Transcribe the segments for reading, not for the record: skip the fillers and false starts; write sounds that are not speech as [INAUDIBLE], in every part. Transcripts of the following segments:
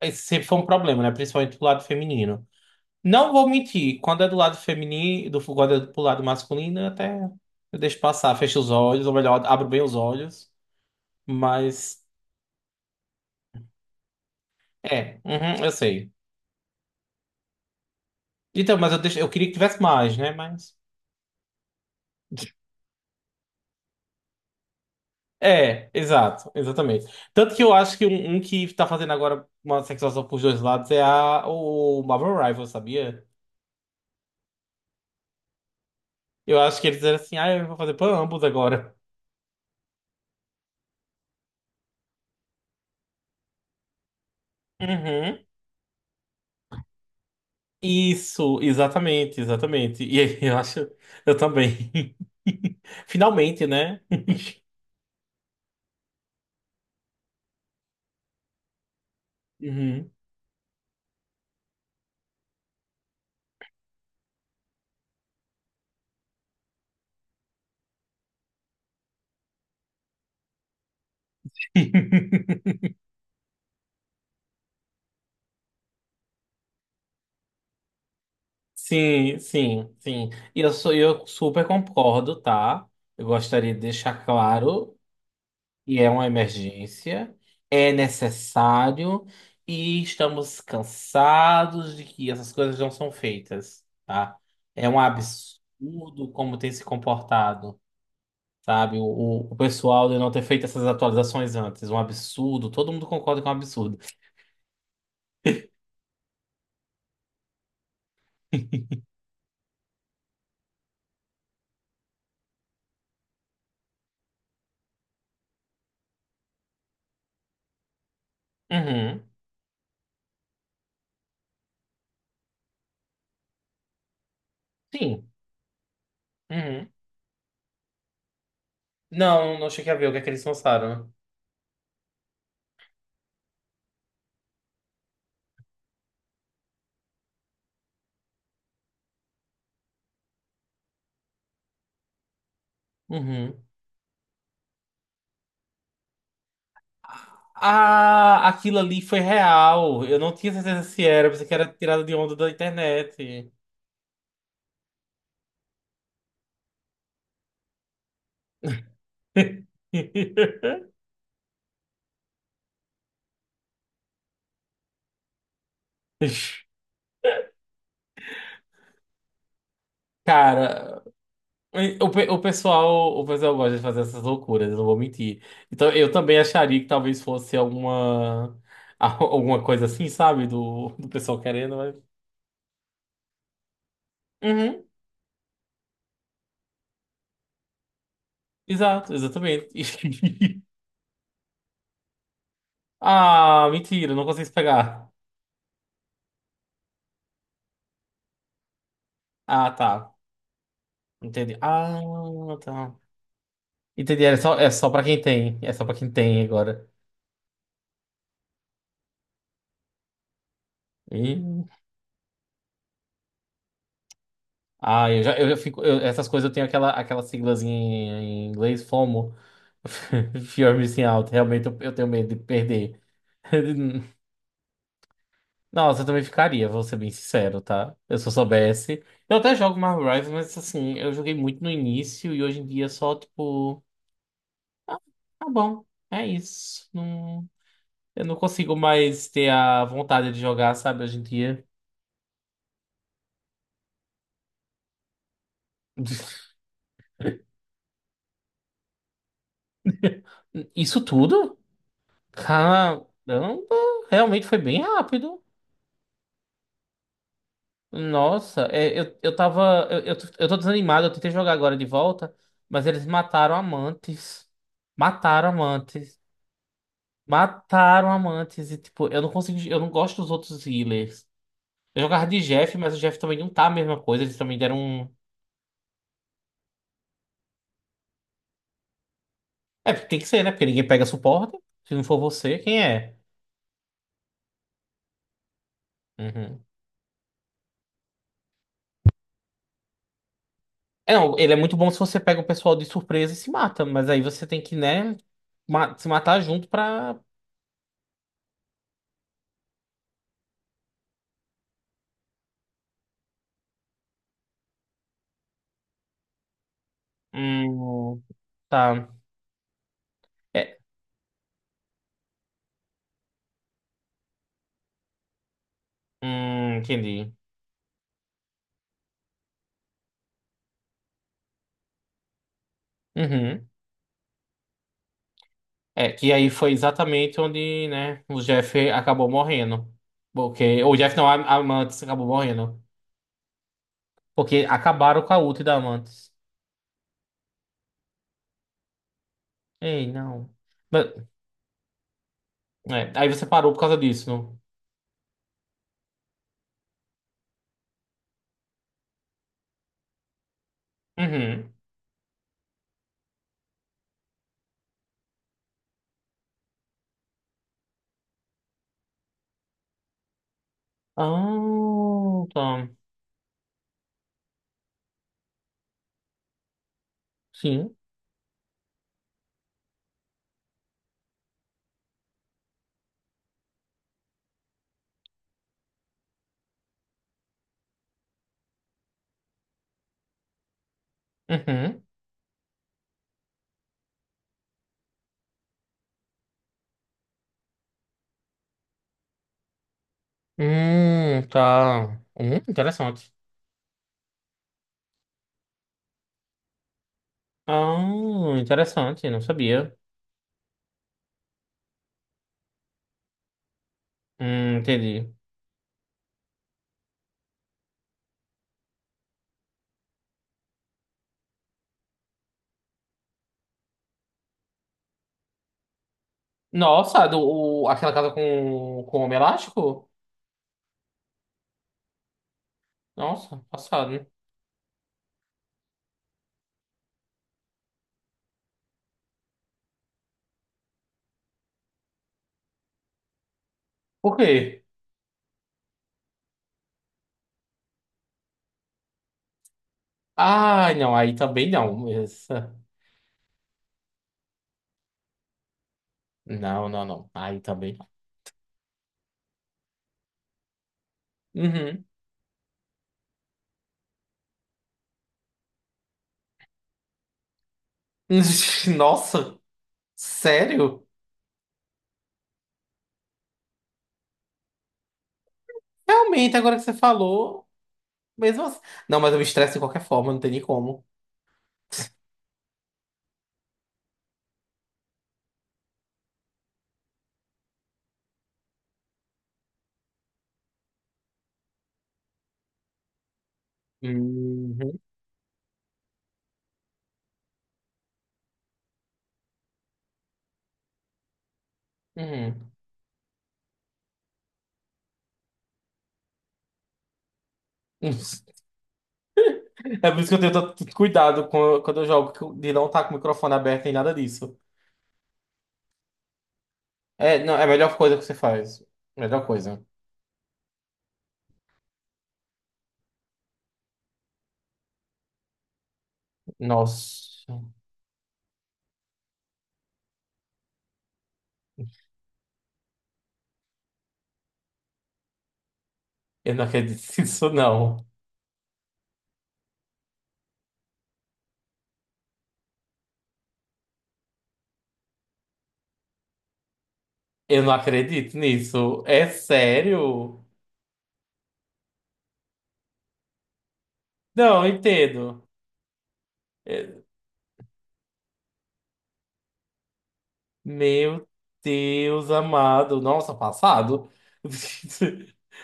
Esse sempre foi um problema, né? Principalmente do lado feminino. Não vou mentir, quando é do lado feminino, quando é do lado masculino, até eu deixo passar, fecho os olhos, ou melhor, abro bem os olhos. Mas é, uhum, eu sei. Então, eu queria que tivesse mais, né? Mas. [LAUGHS] É, exato, exatamente. Tanto que eu acho que um que tá fazendo agora uma sexualização pros dois lados é o Marvel Rivals, sabia? Eu acho que eles eram assim, ah, eu vou fazer pra ambos agora. [LAUGHS] Uhum. Isso, exatamente, exatamente. E aí, [LAUGHS] eu acho, eu também. [LAUGHS] Finalmente, né? Uhum. [LAUGHS] Sim, sim, sim. E eu sou, eu super concordo, tá? Eu gostaria de deixar claro que é uma emergência, é necessário e estamos cansados de que essas coisas não são feitas, tá? É um absurdo como tem se comportado. Sabe? O pessoal de não ter feito essas atualizações antes. Um absurdo. Todo mundo concorda que é um absurdo. Uhum. Sim. Uhum. Não, não cheguei a ver o que é que eles lançaram. Uhum. Ah, aquilo ali foi real. Eu não tinha certeza se era, pensei que era tirado de onda da internet. [LAUGHS] Cara, o pessoal gosta de fazer essas loucuras, eu não vou mentir. Então, eu também acharia que talvez fosse alguma, [LAUGHS] alguma coisa assim, sabe? Do pessoal querendo, mas... Uhum, exato, exatamente. [LAUGHS] Ah, mentira, não consegui pegar. Ah, tá. Entendi. Ah, tá. Entendi, é só pra quem tem. É só pra quem tem agora. Ih. Ah, eu já fico... essas coisas eu tenho aquela, aquela siglazinha em inglês, FOMO. [LAUGHS] Fear missing out, realmente eu tenho medo de perder. [LAUGHS] Nossa, eu também ficaria, vou ser bem sincero, tá? Eu se eu soubesse. Eu até jogo Marvel Rivals, mas assim, eu joguei muito no início e hoje em dia é só, tipo, ah, tá bom, é isso. Não, eu não consigo mais ter a vontade de jogar, sabe, hoje em dia. [LAUGHS] Isso tudo? Caramba, realmente foi bem rápido. Nossa, é, eu tava. Tô eu tô desanimado, eu tentei jogar agora de volta, mas eles mataram amantes. Mataram amantes. Mataram amantes. E, tipo, eu não consigo. Eu não gosto dos outros healers. Eu jogava de Jeff, mas o Jeff também não tá a mesma coisa. Eles também deram um. É, porque tem que ser, né? Porque ninguém pega suporte. Se não for você, quem é? Uhum. É, não, ele é muito bom se você pega o pessoal de surpresa e se mata, mas aí você tem que, né, se matar junto pra. Hum, tá. É, hum, entendi. Uhum. É, que aí foi exatamente onde, né, o Jeff acabou morrendo. Porque, ou o Jeff não, a Amantes acabou morrendo. Porque acabaram com a ult da Amantes. Ei, não. Mas- é, aí você parou por causa disso, não? Uhum. Ah, tá. Sim. Uhum. Tá. Interessante. Ah, interessante, não sabia. Entendi. Nossa, aquela casa com o homem elástico? Nossa, passado. Por quê? Ai, não, aí também não. Essa... Não, não, não. Aí também não. Uhum. [LAUGHS] Nossa, sério? Realmente, agora que você falou, mesmo assim. Não, mas eu me estresso de qualquer forma, não tem nem como. Uhum. Uhum. [LAUGHS] É por isso que eu tenho tanto cuidado com- quando eu jogo, que eu- de não estar com o microfone aberto nem nada disso. É, não, é a melhor coisa que você faz. Melhor coisa. Nossa, eu não acredito [LAUGHS] nisso, não. Eu não acredito nisso. É sério? Não, eu entendo. É- Meu Deus amado. Nossa, passado. [LAUGHS]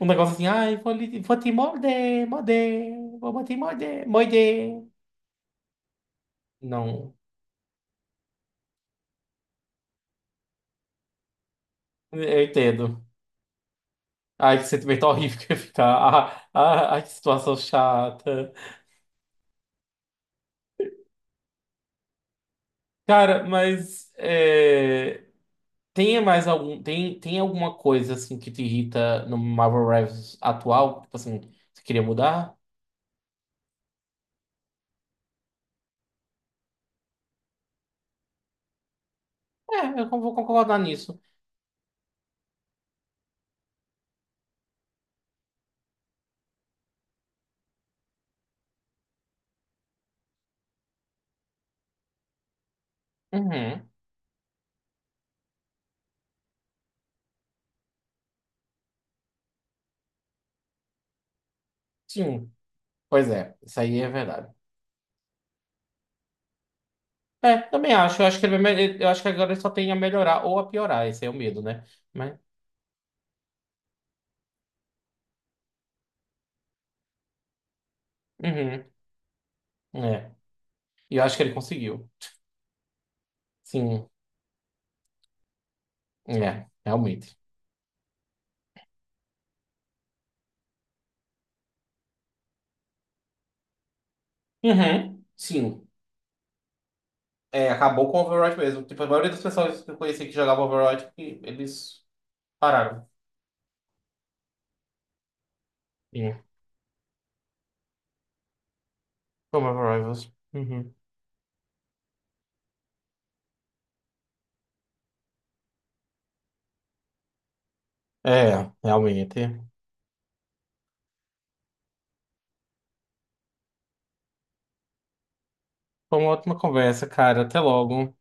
Um negócio assim, ai, vou te morder, morder, vou te morder, morder. Não, eu entendo. Ai, que sentimento horrível que ia ficar. [LAUGHS] Ai, que situação chata. Cara, mas. É, tem mais algum, tem alguma coisa assim que te irrita no Marvel Rivals atual? Tipo assim, você queria mudar? É, eu vou concordar nisso. Uhum, sim. Pois é, isso aí é verdade. É, também acho. Eu acho que eu acho que agora ele só tem a melhorar ou a piorar. Esse é o medo, né? Mas, uhum, é. E eu acho que ele conseguiu. Sim, é, realmente. Uhum, sim. É, acabou com o Overwatch mesmo. Tipo, a maioria das pessoas que eu conheci que jogavam Overwatch, eles pararam. Como Rivals. Uhum. É, realmente. Foi uma ótima conversa, cara. Até logo.